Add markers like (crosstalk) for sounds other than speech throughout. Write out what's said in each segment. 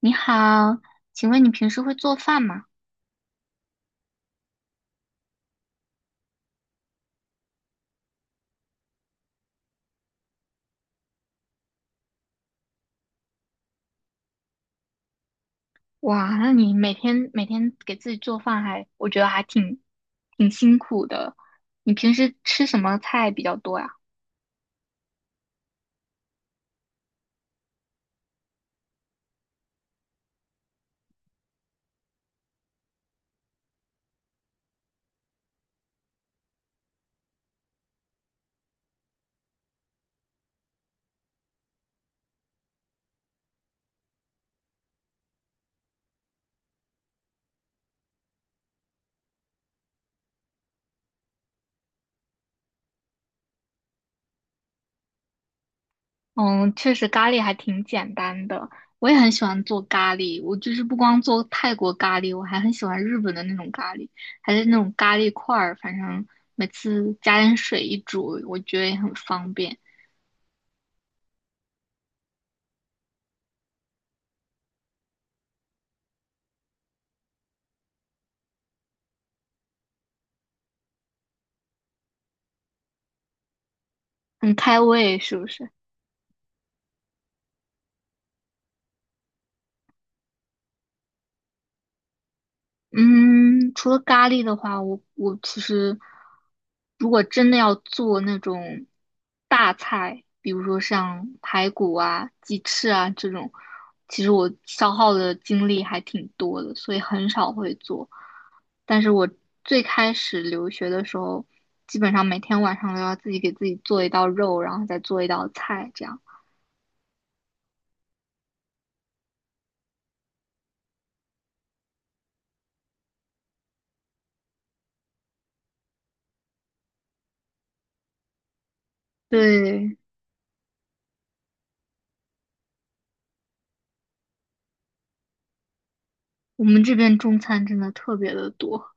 你好，请问你平时会做饭吗？哇，那你每天给自己做饭还，我觉得还挺辛苦的。你平时吃什么菜比较多呀？嗯，确实咖喱还挺简单的。我也很喜欢做咖喱，我就是不光做泰国咖喱，我还很喜欢日本的那种咖喱，还是那种咖喱块儿，反正每次加点水一煮，我觉得也很方便，很开胃，是不是？嗯，除了咖喱的话，我其实如果真的要做那种大菜，比如说像排骨啊、鸡翅啊这种，其实我消耗的精力还挺多的，所以很少会做。但是我最开始留学的时候，基本上每天晚上都要自己给自己做一道肉，然后再做一道菜，这样。对，我们这边中餐真的特别的多，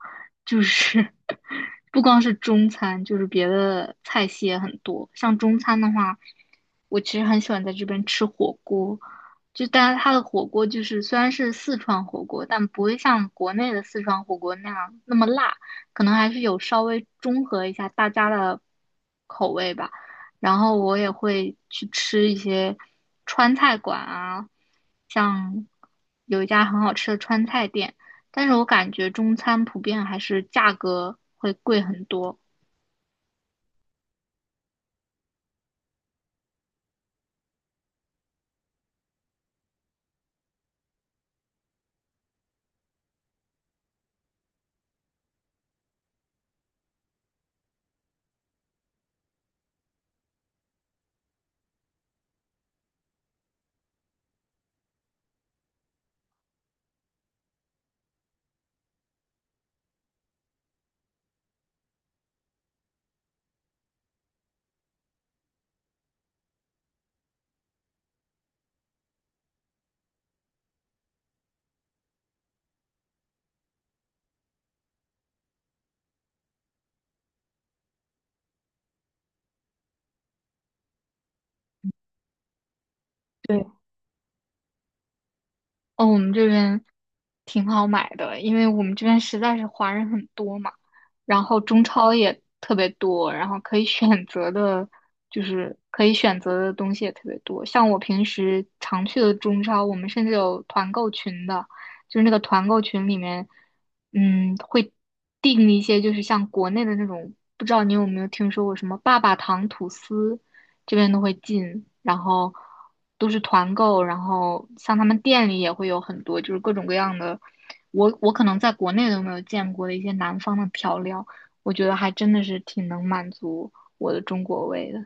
就是 (laughs) 不光是中餐，就是别的菜系也很多。像中餐的话，我其实很喜欢在这边吃火锅，就但是它的火锅就是虽然是四川火锅，但不会像国内的四川火锅那样那么辣，可能还是有稍微中和一下大家的口味吧。然后我也会去吃一些川菜馆啊，像有一家很好吃的川菜店，但是我感觉中餐普遍还是价格会贵很多。对，哦，我们这边挺好买的，因为我们这边实在是华人很多嘛，然后中超也特别多，然后可以选择的，就是可以选择的东西也特别多。像我平时常去的中超，我们甚至有团购群的，就是那个团购群里面，嗯，会订一些就是像国内的那种，不知道你有没有听说过什么爸爸糖吐司，这边都会进，然后都是团购，然后像他们店里也会有很多，就是各种各样的，我可能在国内都没有见过的一些南方的调料，我觉得还真的是挺能满足我的中国胃的。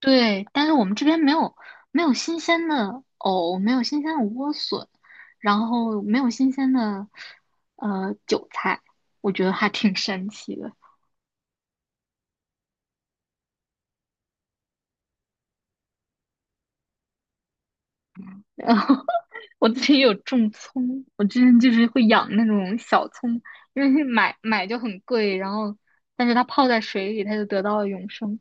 对，但是我们这边没有新鲜的藕，没有新鲜的莴笋，然后没有新鲜的韭菜，我觉得还挺神奇的。(laughs) 我自己有种葱，我之前就是会养那种小葱，因为买就很贵，然后但是它泡在水里，它就得到了永生。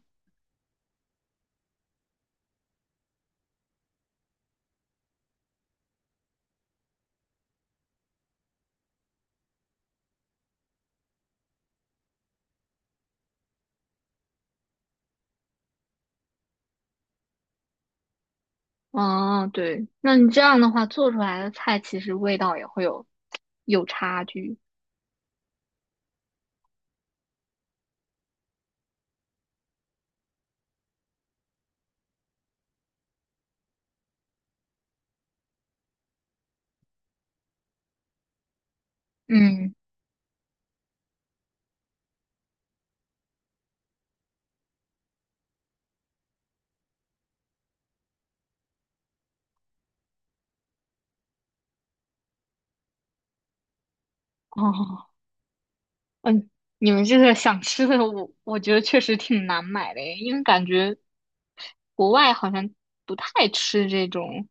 哦，对，那你这样的话做出来的菜其实味道也会有差距。嗯，哦，嗯，你们这个想吃的我，我觉得确实挺难买的耶因为感觉国外好像不太吃这种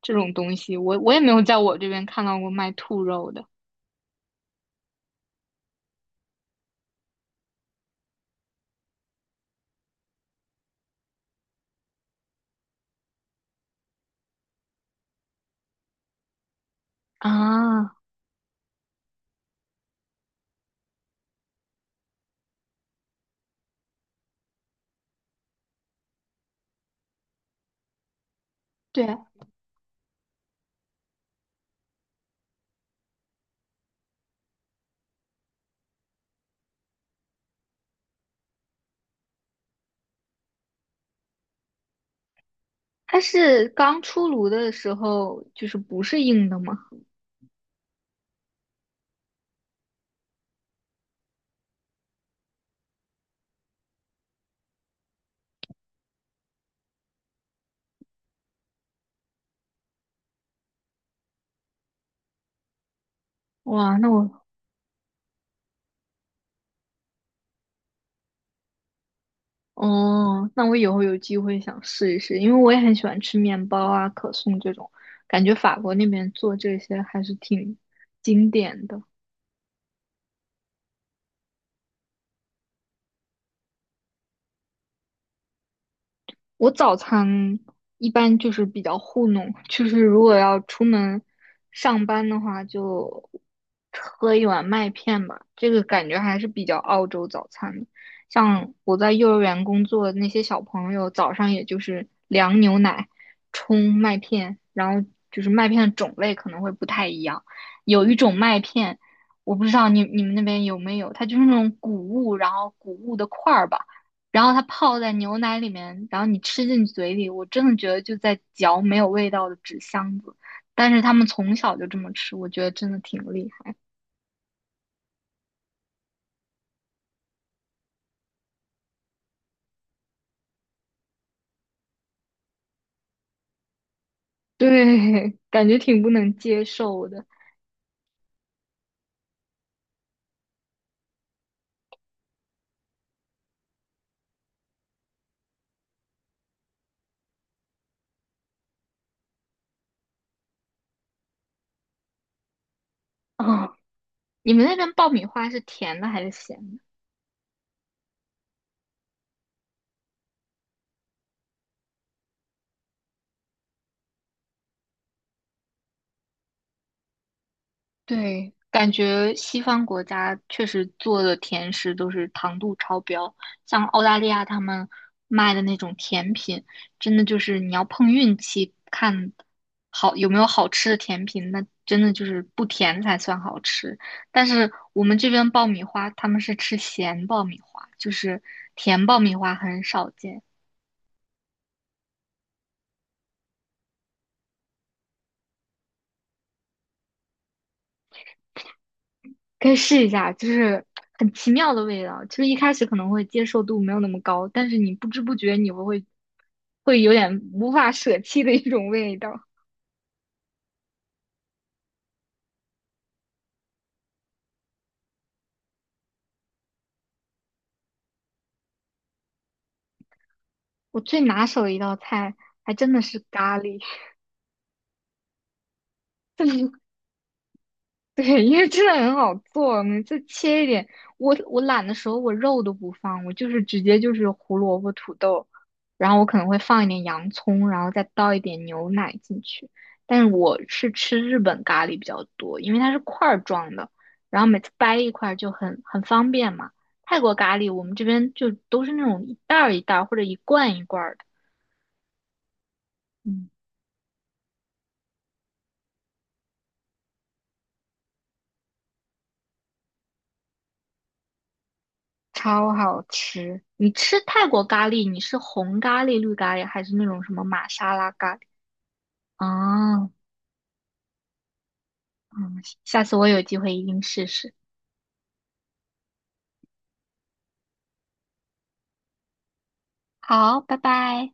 这种东西，我也没有在我这边看到过卖兔肉的。啊，对啊它是刚出炉的时候就是不是硬的吗？哇，那我哦，那我以后有机会想试一试，因为我也很喜欢吃面包啊、可颂这种，感觉法国那边做这些还是挺经典的。我早餐一般就是比较糊弄，就是如果要出门上班的话，就喝一碗麦片吧。这个感觉还是比较澳洲早餐的。像我在幼儿园工作的那些小朋友，早上也就是凉牛奶冲麦片，然后就是麦片的种类可能会不太一样。有一种麦片，我不知道你们那边有没有，它就是那种谷物，然后谷物的块儿吧。然后它泡在牛奶里面，然后你吃进嘴里，我真的觉得就在嚼没有味道的纸箱子。但是他们从小就这么吃，我觉得真的挺厉害。(laughs) 对，感觉挺不能接受的啊，(laughs) 你们那边爆米花是甜的还是咸的？对，感觉西方国家确实做的甜食都是糖度超标，像澳大利亚他们卖的那种甜品，真的就是你要碰运气，看好有没有好吃的甜品，那真的就是不甜才算好吃。但是我们这边爆米花，他们是吃咸爆米花，就是甜爆米花很少见。可以试一下，就是很奇妙的味道。就是一开始可能会接受度没有那么高，但是你不知不觉你会有点无法舍弃的一种味道。我最拿手的一道菜还真的是咖喱，(laughs) (laughs) 对，因为真的很好做，每次切一点，我懒的时候我肉都不放，我就是直接就是胡萝卜、土豆，然后我可能会放一点洋葱，然后再倒一点牛奶进去。但是我是吃日本咖喱比较多，因为它是块儿状的，然后每次掰一块儿就很方便嘛。泰国咖喱我们这边就都是那种一袋儿一袋儿或者一罐一罐儿的，嗯，超好吃。你吃泰国咖喱，你是红咖喱、绿咖喱，还是那种什么玛莎拉咖喱？哦，嗯，下次我有机会一定试试。好，拜拜。